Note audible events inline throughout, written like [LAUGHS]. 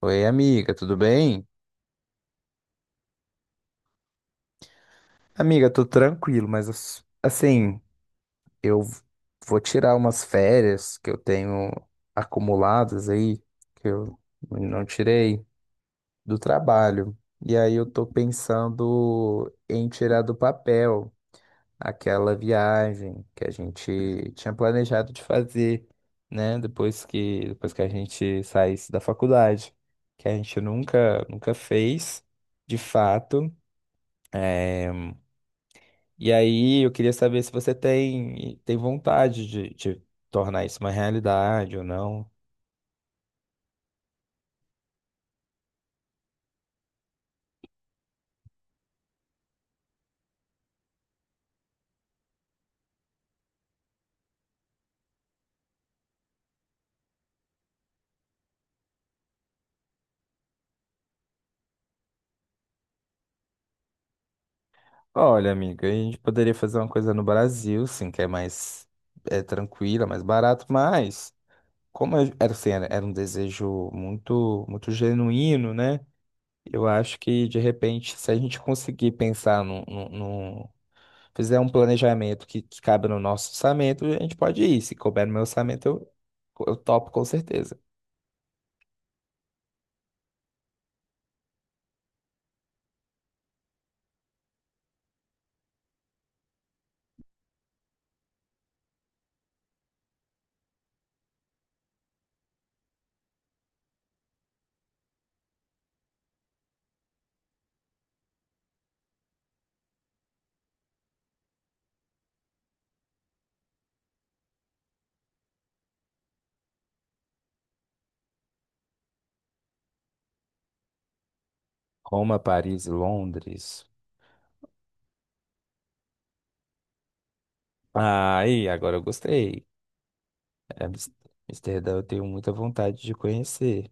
Oi, amiga, tudo bem? Amiga, tô tranquilo, mas assim, eu vou tirar umas férias que eu tenho acumuladas aí, que eu não tirei do trabalho. E aí eu tô pensando em tirar do papel aquela viagem que a gente tinha planejado de fazer, né? Depois que a gente saísse da faculdade, que a gente nunca fez, de fato. eh, E aí eu queria saber se você tem vontade de tornar isso uma realidade ou não. Olha, amiga, a gente poderia fazer uma coisa no Brasil, sim, que é mais tranquila, mais barato, mas era, assim, era um desejo muito, muito genuíno, né? Eu acho que, de repente, se a gente conseguir pensar fizer um planejamento que cabe no nosso orçamento, a gente pode ir. Se couber no meu orçamento, eu topo com certeza. Roma, Paris, Londres. Aí, agora eu gostei. Amis- Amsterdã eu tenho muita vontade de conhecer.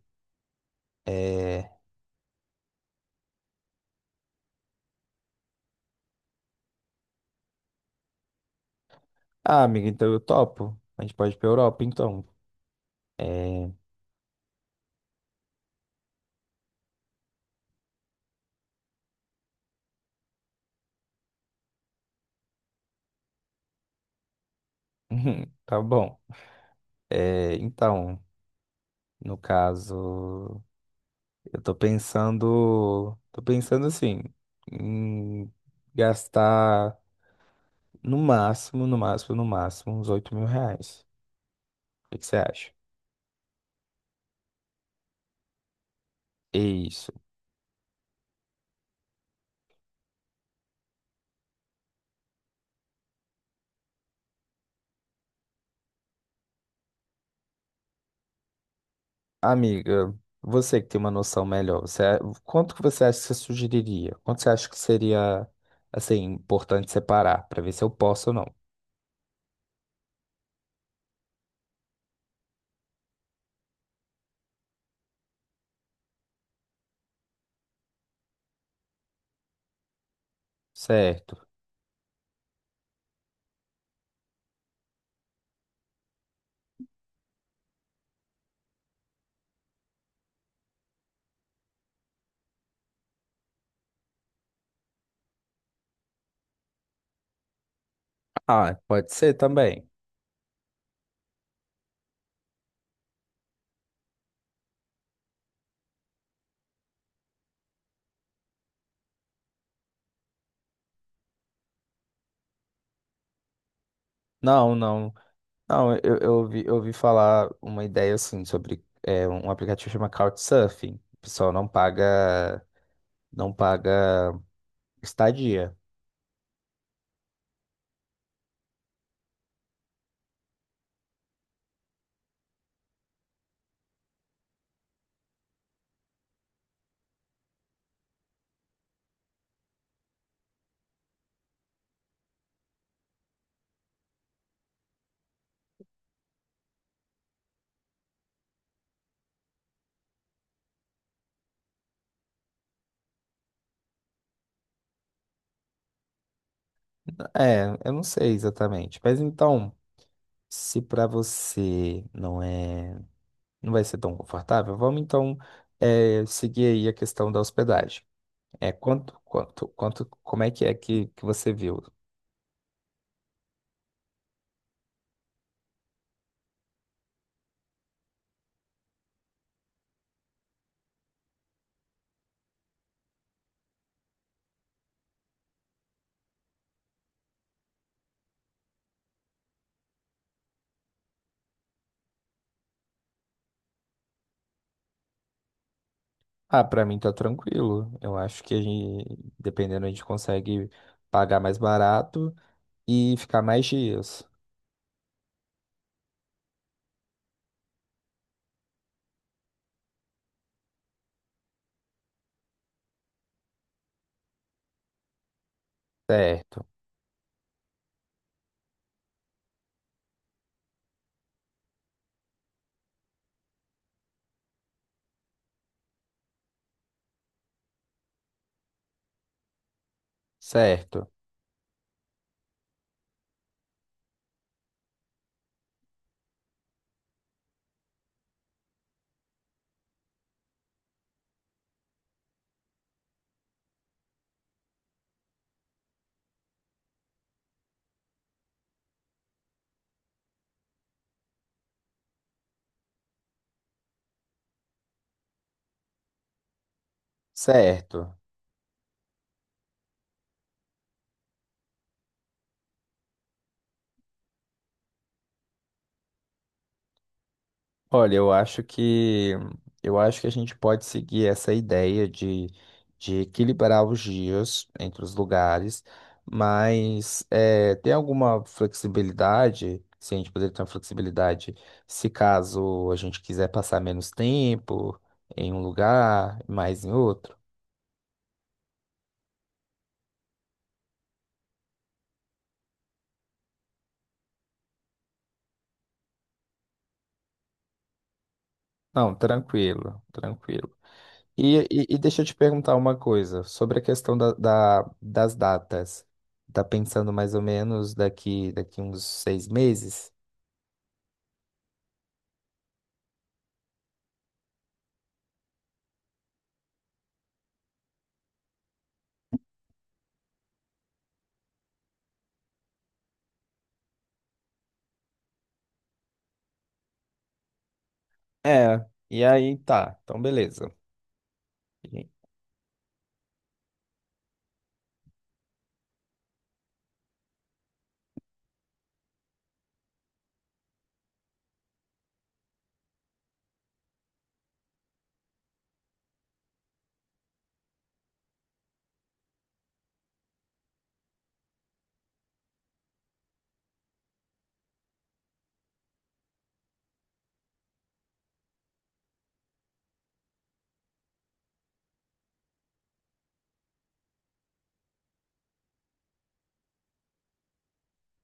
É... Ah, amiga, então eu topo. A gente pode ir pra Europa, então. É... [LAUGHS] Tá bom. É, então, no caso, eu tô pensando. Tô pensando assim, em gastar no máximo, no máximo, no máximo, uns R$ 8.000. O que que você acha? É isso. Amiga, você que tem uma noção melhor, você, quanto que você acha que você sugeriria? Quanto você acha que seria, assim, importante separar para ver se eu posso ou não? Certo. Ah, pode ser também. Não, não. Não, eu ouvi falar uma ideia, assim, sobre um aplicativo que chama Couchsurfing. O pessoal não paga estadia. É, eu não sei exatamente. Mas então, se para você não é. Não vai ser tão confortável? Vamos então seguir aí a questão da hospedagem. É quanto, como é que é que, você viu? Ah, para mim tá tranquilo. Eu acho que a gente, dependendo, a gente consegue pagar mais barato e ficar mais dias. Certo, certo, certo. Olha, eu acho que a gente pode seguir essa ideia de equilibrar os dias entre os lugares, mas tem alguma flexibilidade, se a gente poderia ter uma flexibilidade, se caso a gente quiser passar menos tempo em um lugar, mais em outro? Não, tranquilo, tranquilo. E, e, e deixa eu te perguntar uma coisa sobre a questão das datas. Tá pensando mais ou menos daqui uns 6 meses? É, e aí tá, então beleza. E-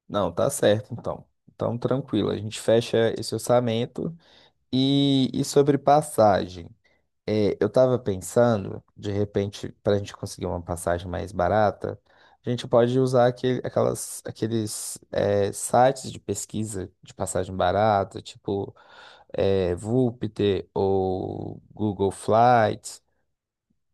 Não, tá certo então. Então tranquilo, a gente fecha esse orçamento. E sobre passagem? É, eu tava pensando, de repente, para a gente conseguir uma passagem mais barata, a gente pode usar aqueles sites de pesquisa de passagem barata, tipo Voopter ou Google Flights,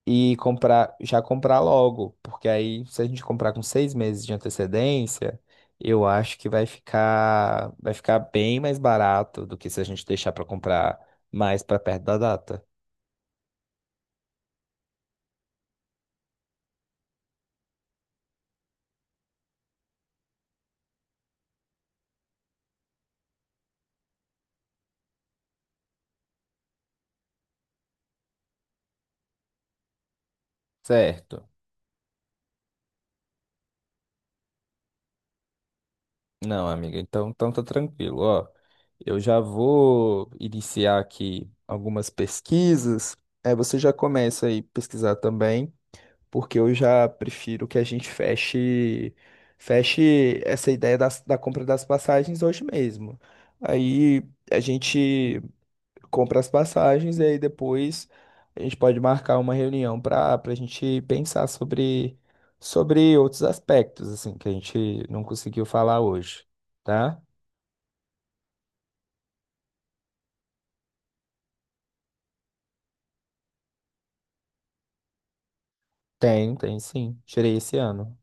e já comprar logo, porque aí, se a gente comprar com 6 meses de antecedência, eu acho que vai ficar bem mais barato do que se a gente deixar para comprar mais para perto da data, certo? Não, amiga, então, tá tranquilo. Ó, eu já vou iniciar aqui algumas pesquisas. É, você já começa aí pesquisar também, porque eu já prefiro que a gente feche essa ideia da compra das passagens hoje mesmo. Aí a gente compra as passagens e aí depois a gente pode marcar uma reunião para a gente pensar sobre outros aspectos, assim, que a gente não conseguiu falar hoje, tá? Tem, tem sim. Tirei esse ano.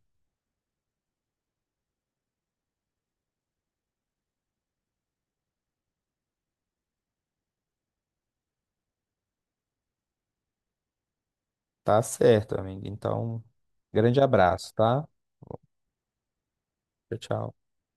Tá certo, amigo. Então, grande abraço, tá? Tchau, tchau.